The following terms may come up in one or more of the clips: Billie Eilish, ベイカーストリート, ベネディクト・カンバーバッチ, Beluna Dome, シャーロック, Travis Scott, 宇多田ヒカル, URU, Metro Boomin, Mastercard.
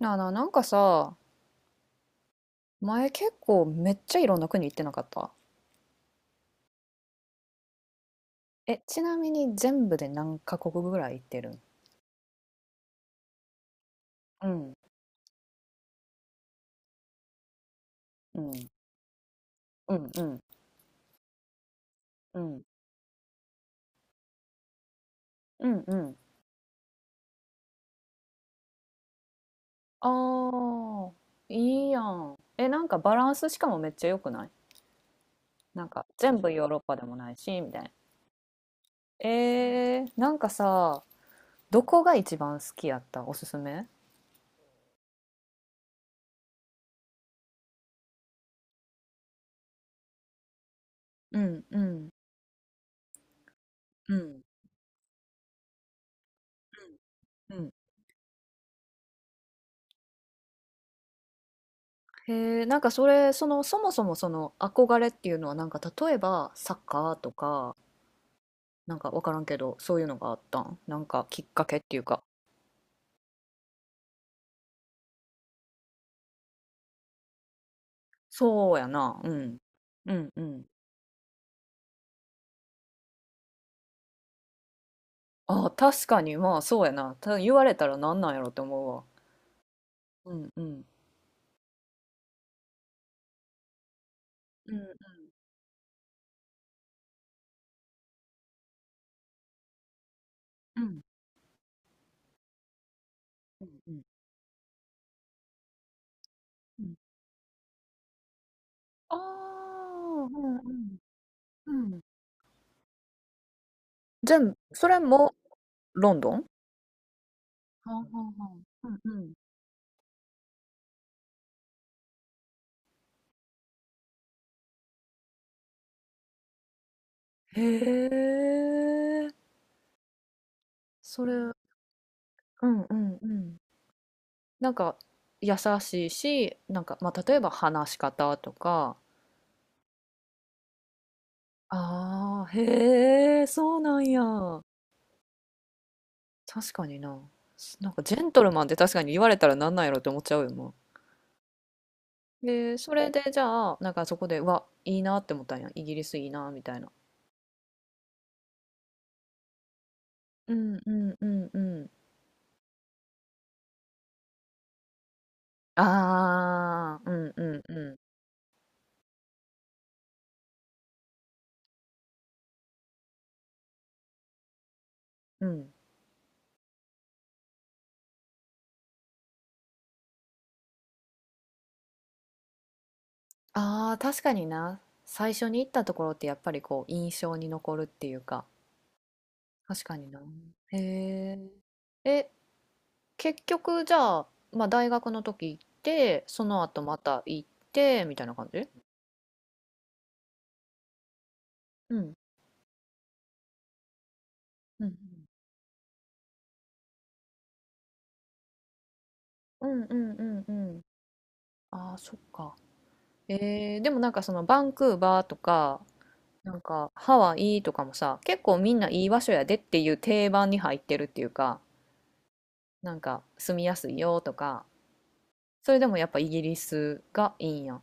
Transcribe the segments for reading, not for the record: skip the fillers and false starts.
なあなあ、なんかさ、前結構めっちゃいろんな国行ってなかった？え、ちなみに全部で何カ国ぐらい行ってるん？うん、うん、うん、うん、うん、うん、うん。ああ、いいやん。え、なんかバランスしかもめっちゃ良くない？なんか全部ヨーロッパでもないし、みたいな。えー、なんかさ、どこが一番好きやった？おすすめ？うん、うん、うん、うん、うん。へえ、なんかそれ、そもそもその憧れっていうのは、なんか例えばサッカーとか、なんかわからんけど、そういうのがあったん？なんかきっかけっていうか、そうやな、うん。うんうん。ああ、確かに、まあそうやな。ただ言われたらなんなんやろって思うわ。うんうん。うんうんうんうんうん。ああ、うんうんうん。全部、それもロンドン？はんはんはん。うんうん。へえ、それ、うんうんうん。なんか優しいし、なんか、まあ、例えば話し方とか。ああ、へえ、そうなんや。確かにな。なんかジェントルマンって確かに言われたらなんなんやろって思っちゃうよ、もう。で、それでじゃあ、なんかそこで、うわ、いいなって思ったんや。イギリスいいな、みたいな。うんうんうんうん。ああ、うんうんうんうん。ああ、確かにな。最初に行ったところってやっぱりこう印象に残るっていうか。確かにな。へえ。え、結局じゃあ、まあ、大学の時行ってその後また行ってみたいな感じ？うんうんうんうんうんうん。ああそっか。えー、でもなんかそのバンクーバーとか、なんかハワイとかもさ、結構みんないい場所やでっていう定番に入ってるっていうか、なんか住みやすいよとか。それでもやっぱイギリスがいいんや？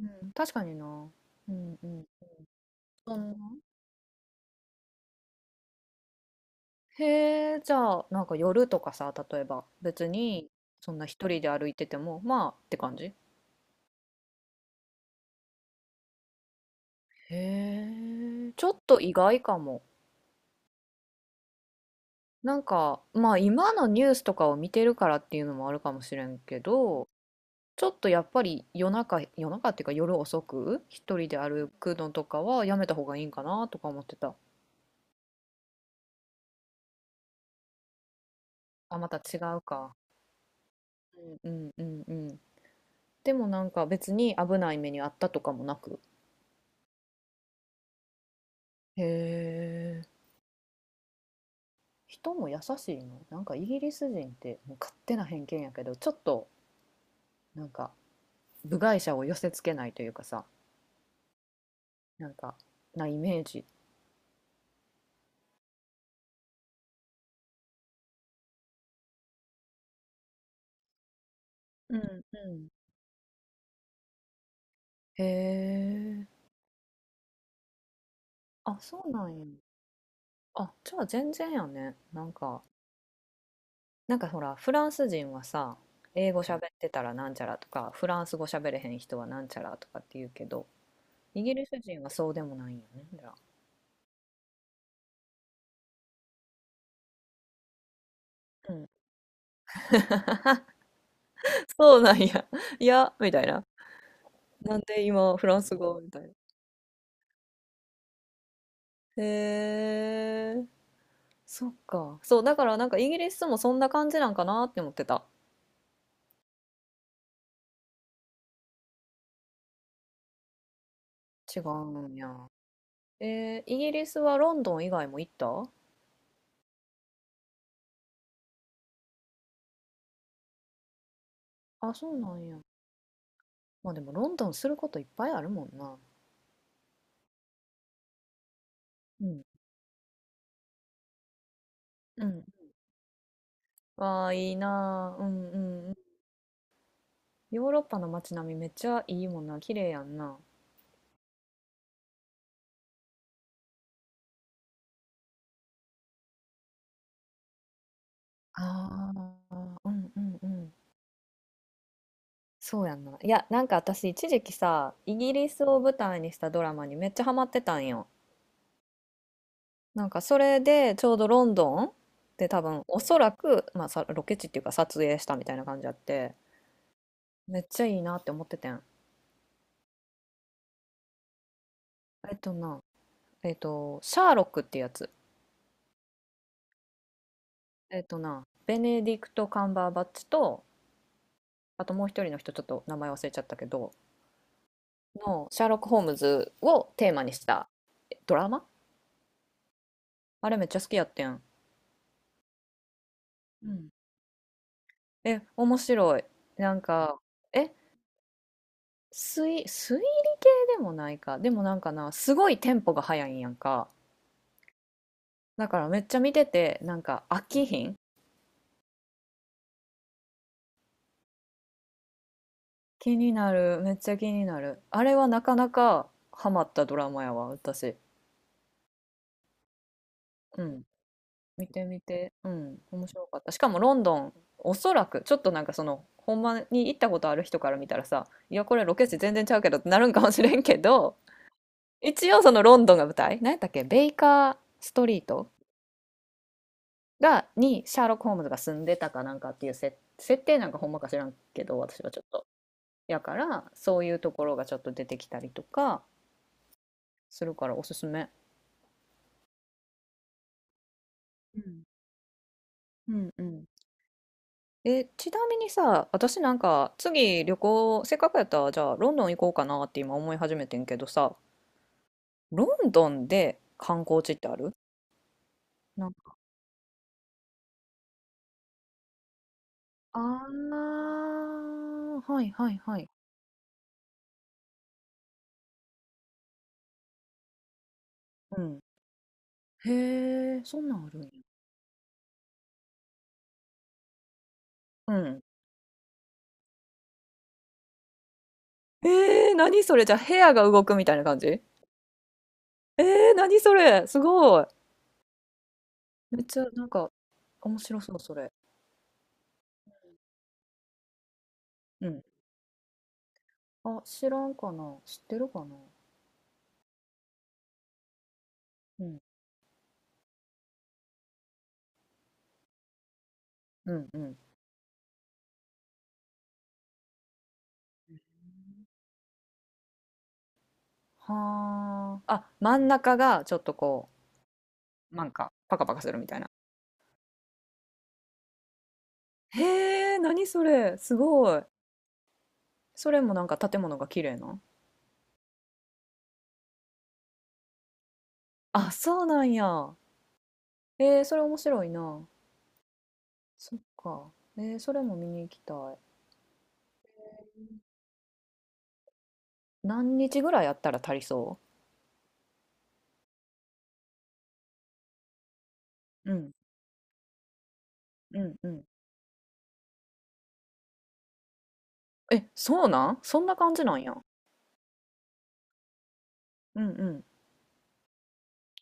うん、うん、確かにな、うんうん。そんな？へえ、じゃあ、なんか夜とかさ、例えば、別に、そんな一人で歩いてても、まあって感じ？へえ、ちょっと意外かも。なんか、まあ今のニュースとかを見てるからっていうのもあるかもしれんけど、ちょっとやっぱり夜中、夜中っていうか夜遅く、一人で歩くのとかはやめた方がいいんかなとか思ってた。あ、また違うか。うんうんうんうん。でもなんか別に危ない目にあったとかもなく。へえ。人も優しいの？なんかイギリス人ってもう勝手な偏見やけど、ちょっとなんか部外者を寄せつけないというかさ、なんかなイメージ。うんうん。へえ。あそうなんや。あじゃあ全然やね。なんかなんかほらフランス人はさ、英語喋ってたらなんちゃらとか、フランス語喋れへん人はなんちゃらとかって言うけど、イギリス人はそうでもないんやねじゃあ。うん。 そうなんや。いやみたいな。なんで今フランス語みたいな。へえ、そっか。そう、だからなんかイギリスもそんな感じなんかなって思ってた。違うんや。えー、イギリスはロンドン以外も行った？あ、そうなんや。まあでもロンドンすることいっぱいあるもんな。うん。うん。ああ、いいなあ。うんうんうん。ヨーロッパの街並みめっちゃいいもんな。綺麗やんな。ああ、うんうんうん。そうやんな。いや、なんか私一時期さ、イギリスを舞台にしたドラマにめっちゃハマってたんよ。なんかそれでちょうどロンドンで、多分おそらく、まあ、さロケ地っていうか撮影したみたいな感じあって、めっちゃいいなって思っててん。えっとな、シャーロックってやつ。えっとな、ベネディクト・カンバーバッチと、あともう一人の人ちょっと名前忘れちゃったけどのシャーロック・ホームズをテーマにしたドラマ。あれめっちゃ好きやってん、うん。え、面白い？なんか、え、推理系でもないか、でもなんかなすごいテンポが速いんやんか、だからめっちゃ見てて、なんか飽きひん。気になる。めっちゃ気になる。あれはなかなかハマったドラマやわ、私。うん。見てみて。うん。面白かった。しかもロンドン、おそらく、ちょっとなんかその、ほんまに行ったことある人から見たらさ、いや、これロケ地全然ちゃうけどってなるんかもしれんけど、一応そのロンドンが舞台、何やったっけ、ベイカーストリートが、にシャーロック・ホームズが住んでたかなんかっていう設定、なんかほんまか知らんけど、私はちょっと。やから、そういうところがちょっと出てきたりとかするからおすすめ。うんうんうん。え、ちなみにさ、私なんか次旅行、せっかくやったらじゃあロンドン行こうかなって今思い始めてんけどさ、ロンドンで観光地ってある？なんか、あー、はいはいはい。うん。へえ、そんなんあるんや。うん。えー、何それ？じゃあ部屋が動くみたいな感じ？えー、何それすごい。めっちゃなんか面白そうそれ。うん。あ、知らんかな。知ってるかな。うん。うんうん。はあ。あ、真ん中がちょっとこう、なんか、パカパカするみたいな。へえ、何それ。すごい。それもなんか建物が綺麗な。あ、そうなんや。えー、それ面白いな。そっか。えー、それも見に行きたい。何日ぐらいやったら足りそう？うん、うん、うん。え、そうなん、そんな感じなんや。うん、うん。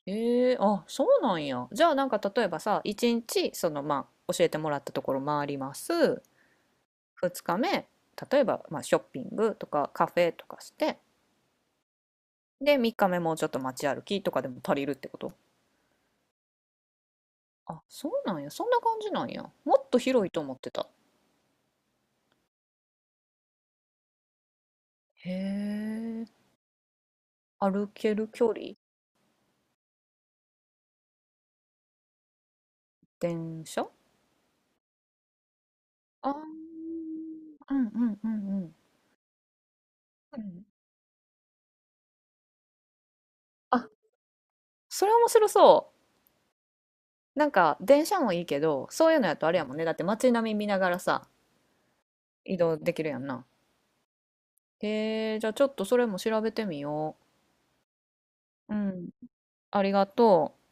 ええ、あ、そうなんや。じゃあなんか例えばさ、1日そのまあ教えてもらったところ回ります。2日目、例えばまあショッピングとかカフェとかして、で3日目もうちょっと街歩きとかでも足りるってこと。あ、そうなんや。そんな感じなんや。もっと広いと思ってた。へえ。歩ける距離？電車？あー、うんうんうんうん。うん。あ、それ面白そう。なんか電車もいいけど、そういうのやとあれやもんね。だって街並み見ながらさ、移動できるやんな。えー、じゃあちょっとそれも調べてみよう。うん。ありがとう。